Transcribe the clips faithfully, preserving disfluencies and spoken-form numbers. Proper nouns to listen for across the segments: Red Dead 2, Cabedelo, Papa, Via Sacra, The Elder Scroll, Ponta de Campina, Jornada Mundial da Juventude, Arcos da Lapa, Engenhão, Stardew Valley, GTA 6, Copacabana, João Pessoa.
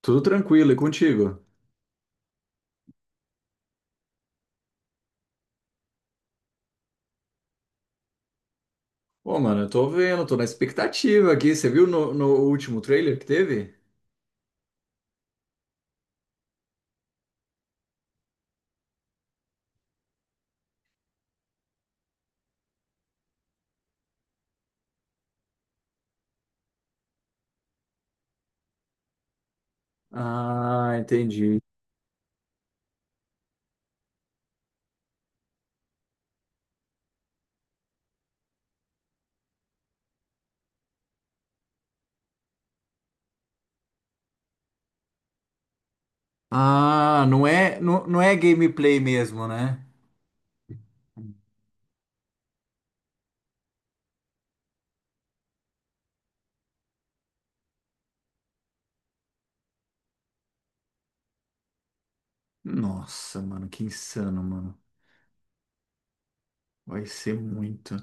Tudo tranquilo, e contigo? Pô, mano, eu tô vendo, tô na expectativa aqui. Você viu no, no último trailer que teve? Ah, entendi. Ah, não é, não, não é gameplay mesmo, né? Nossa, mano, que insano, mano. Vai ser muito.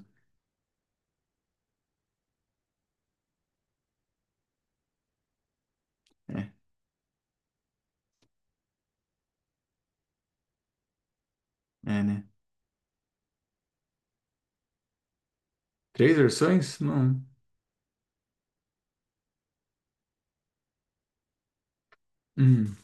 É, é, né? Três versões? Não. Hum.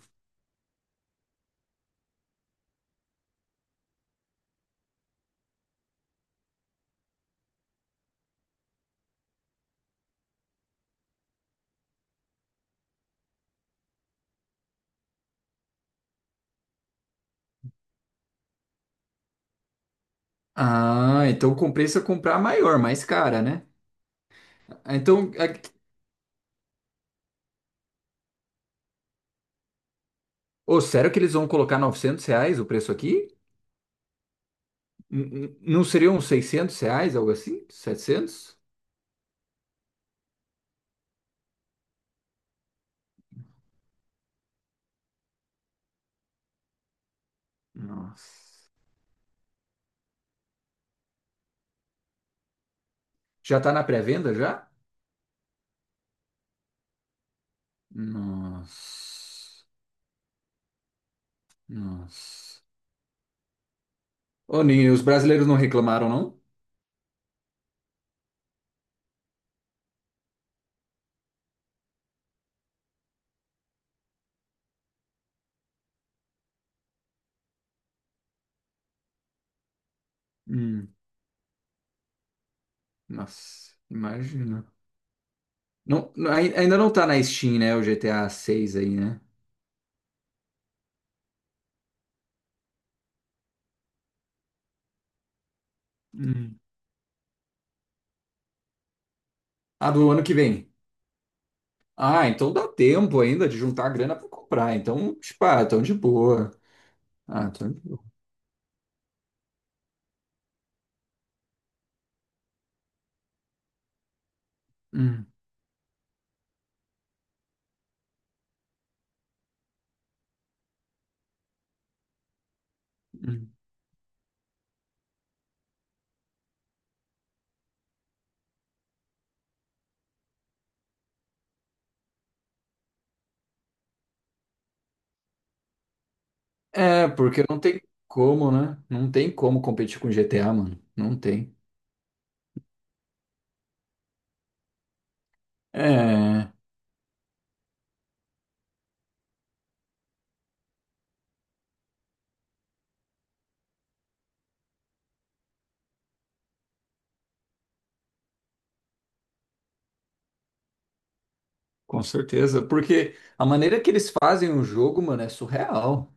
Ah, então compensa comprar a maior, mais cara, né? Ah, então, aqui... Ô, sério que eles vão colocar novecentos reais o preço aqui? N- n- Não seriam seiscentos reais, algo assim? Setecentos? Nossa. Já tá na pré-venda já? Nossa. Nossa. Ô, Ninho, os brasileiros não reclamaram, não? Hum, nossa, imagina. Não, não- ai- ainda não tá na Steam, né? O G T A seis aí, né? Hum. Ah, do ano que vem. Ah, então dá tempo ainda de juntar a grana pra comprar. Então, tipo, ah, tão de boa. Ah, tão de boa. Hum, hum. É, porque não tem como, né? Não tem como competir com G T A, mano. Não tem. É. Com certeza, porque a maneira que eles fazem o jogo, mano, é surreal,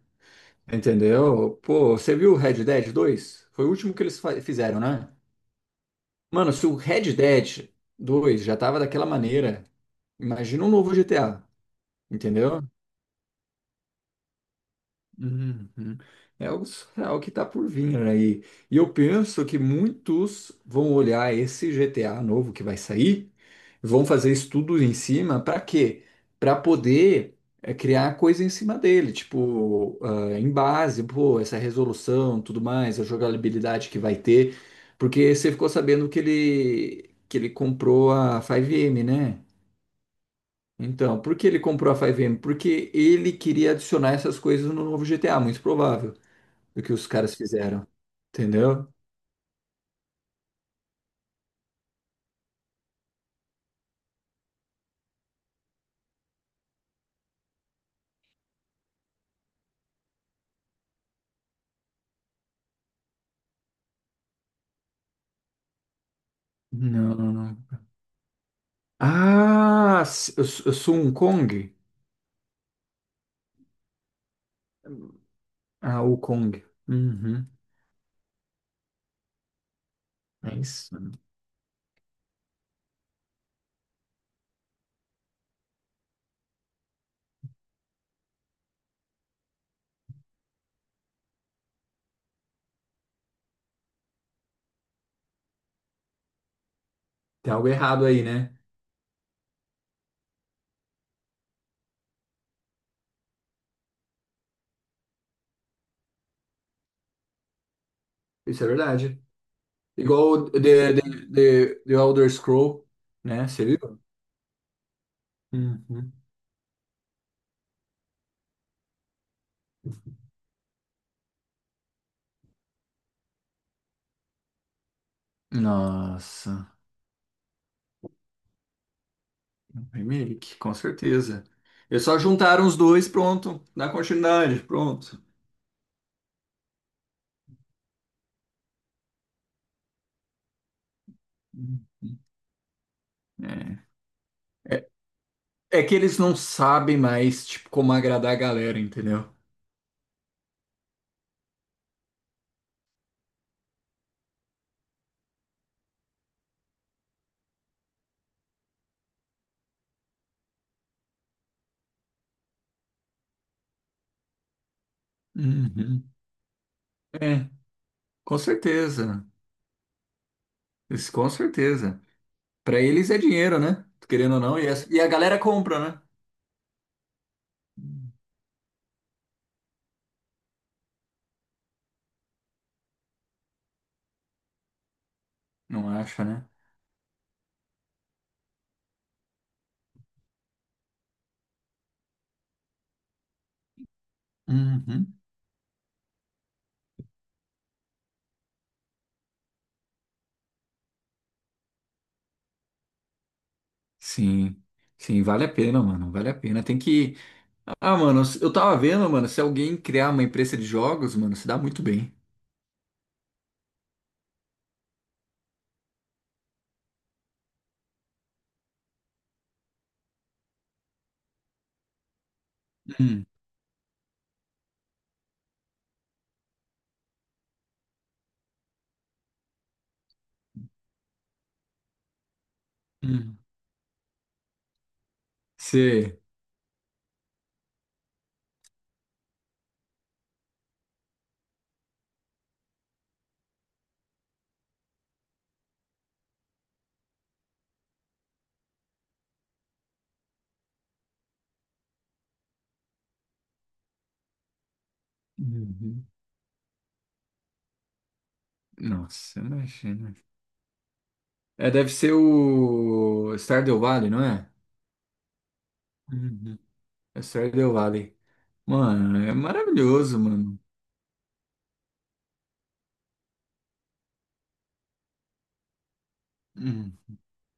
entendeu? Pô, você viu o Red Dead dois? Foi o último que eles fa- fizeram, né? Mano, se o Red Dead dois já tava daquela maneira, imagina um novo G T A, entendeu? Uhum. É algo surreal que tá por vir aí. E eu penso que muitos vão olhar esse G T A novo que vai sair, vão fazer estudos em cima, para quê? Para poder é, criar coisa em cima dele, tipo, ah, em base, pô, essa resolução, tudo mais, a jogabilidade que vai ter, porque você ficou sabendo que ele que ele comprou a cinco M, né? Então, por que ele comprou a cinco M? Porque ele queria adicionar essas coisas no novo G T A, muito provável do que os caras fizeram. Entendeu? Não, não, não. Ah, s- eu, sou eu sou um Kong? Ah, o Kong. Uhum. É isso. Tem algo errado aí, né? Isso é verdade. Igual o The, The, The, The Elder Scroll, né? Você viu? Uhum. Nossa. Remake, com certeza. Eles só juntaram os dois, pronto. Dá continuidade, pronto. É. É que eles não sabem mais, tipo, como agradar a galera, entendeu? Uhum. É. Com certeza. Isso, com certeza. Pra eles é dinheiro, né? Querendo ou não, e, essa- e a galera compra, né? Não acha, né? Uhum. Sim. Sim, vale a pena, mano. Vale a pena. Tem que. Ah, mano, eu tava vendo, mano, se alguém criar uma empresa de jogos, mano, se dá muito bem. Hum, hum. Você. Uhum. Nossa, imagina. É, deve ser o Stardew Valley, não é? Uhum. É Stardew Valley. Mano, é maravilhoso, mano.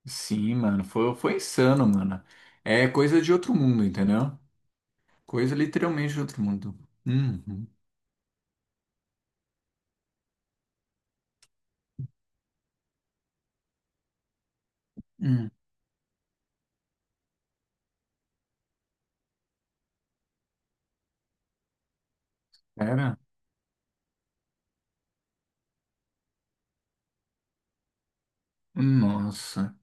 Sim, mano, foi, foi insano, mano. É coisa de outro mundo, entendeu? Coisa literalmente de outro mundo. Uhum. Hum. Era? Nossa,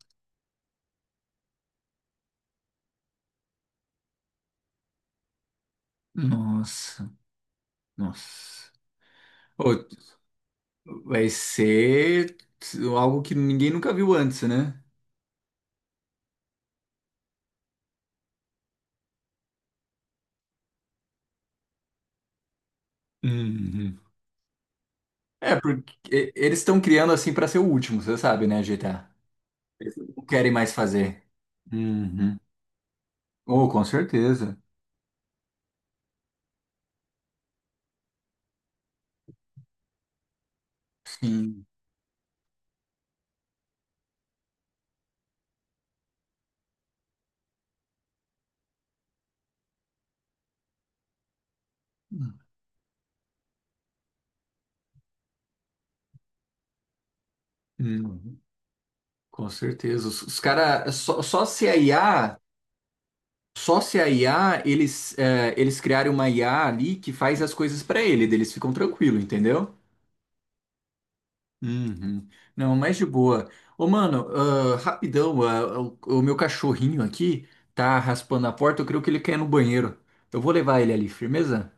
nossa, nossa. Ô, vai ser algo que ninguém nunca viu antes, né? Uhum. É, porque e- eles estão criando assim pra ser o último, você sabe, né, G T A? Eles não querem mais fazer. Uhum. Oh, com certeza. Sim. Uhum. Com certeza. Os, os caras, só, só se a I A, só se a I A, eles, é, eles criaram uma I A ali que faz as coisas pra ele, daí eles ficam tranquilos, entendeu? Uhum. Não, mas de boa. Ô, mano, ah, rapidão, ah, o, o meu cachorrinho aqui tá raspando a porta, eu creio que ele quer ir no banheiro. Eu vou levar ele ali, firmeza?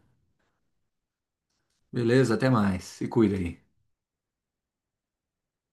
Beleza, até mais. Se cuida aí.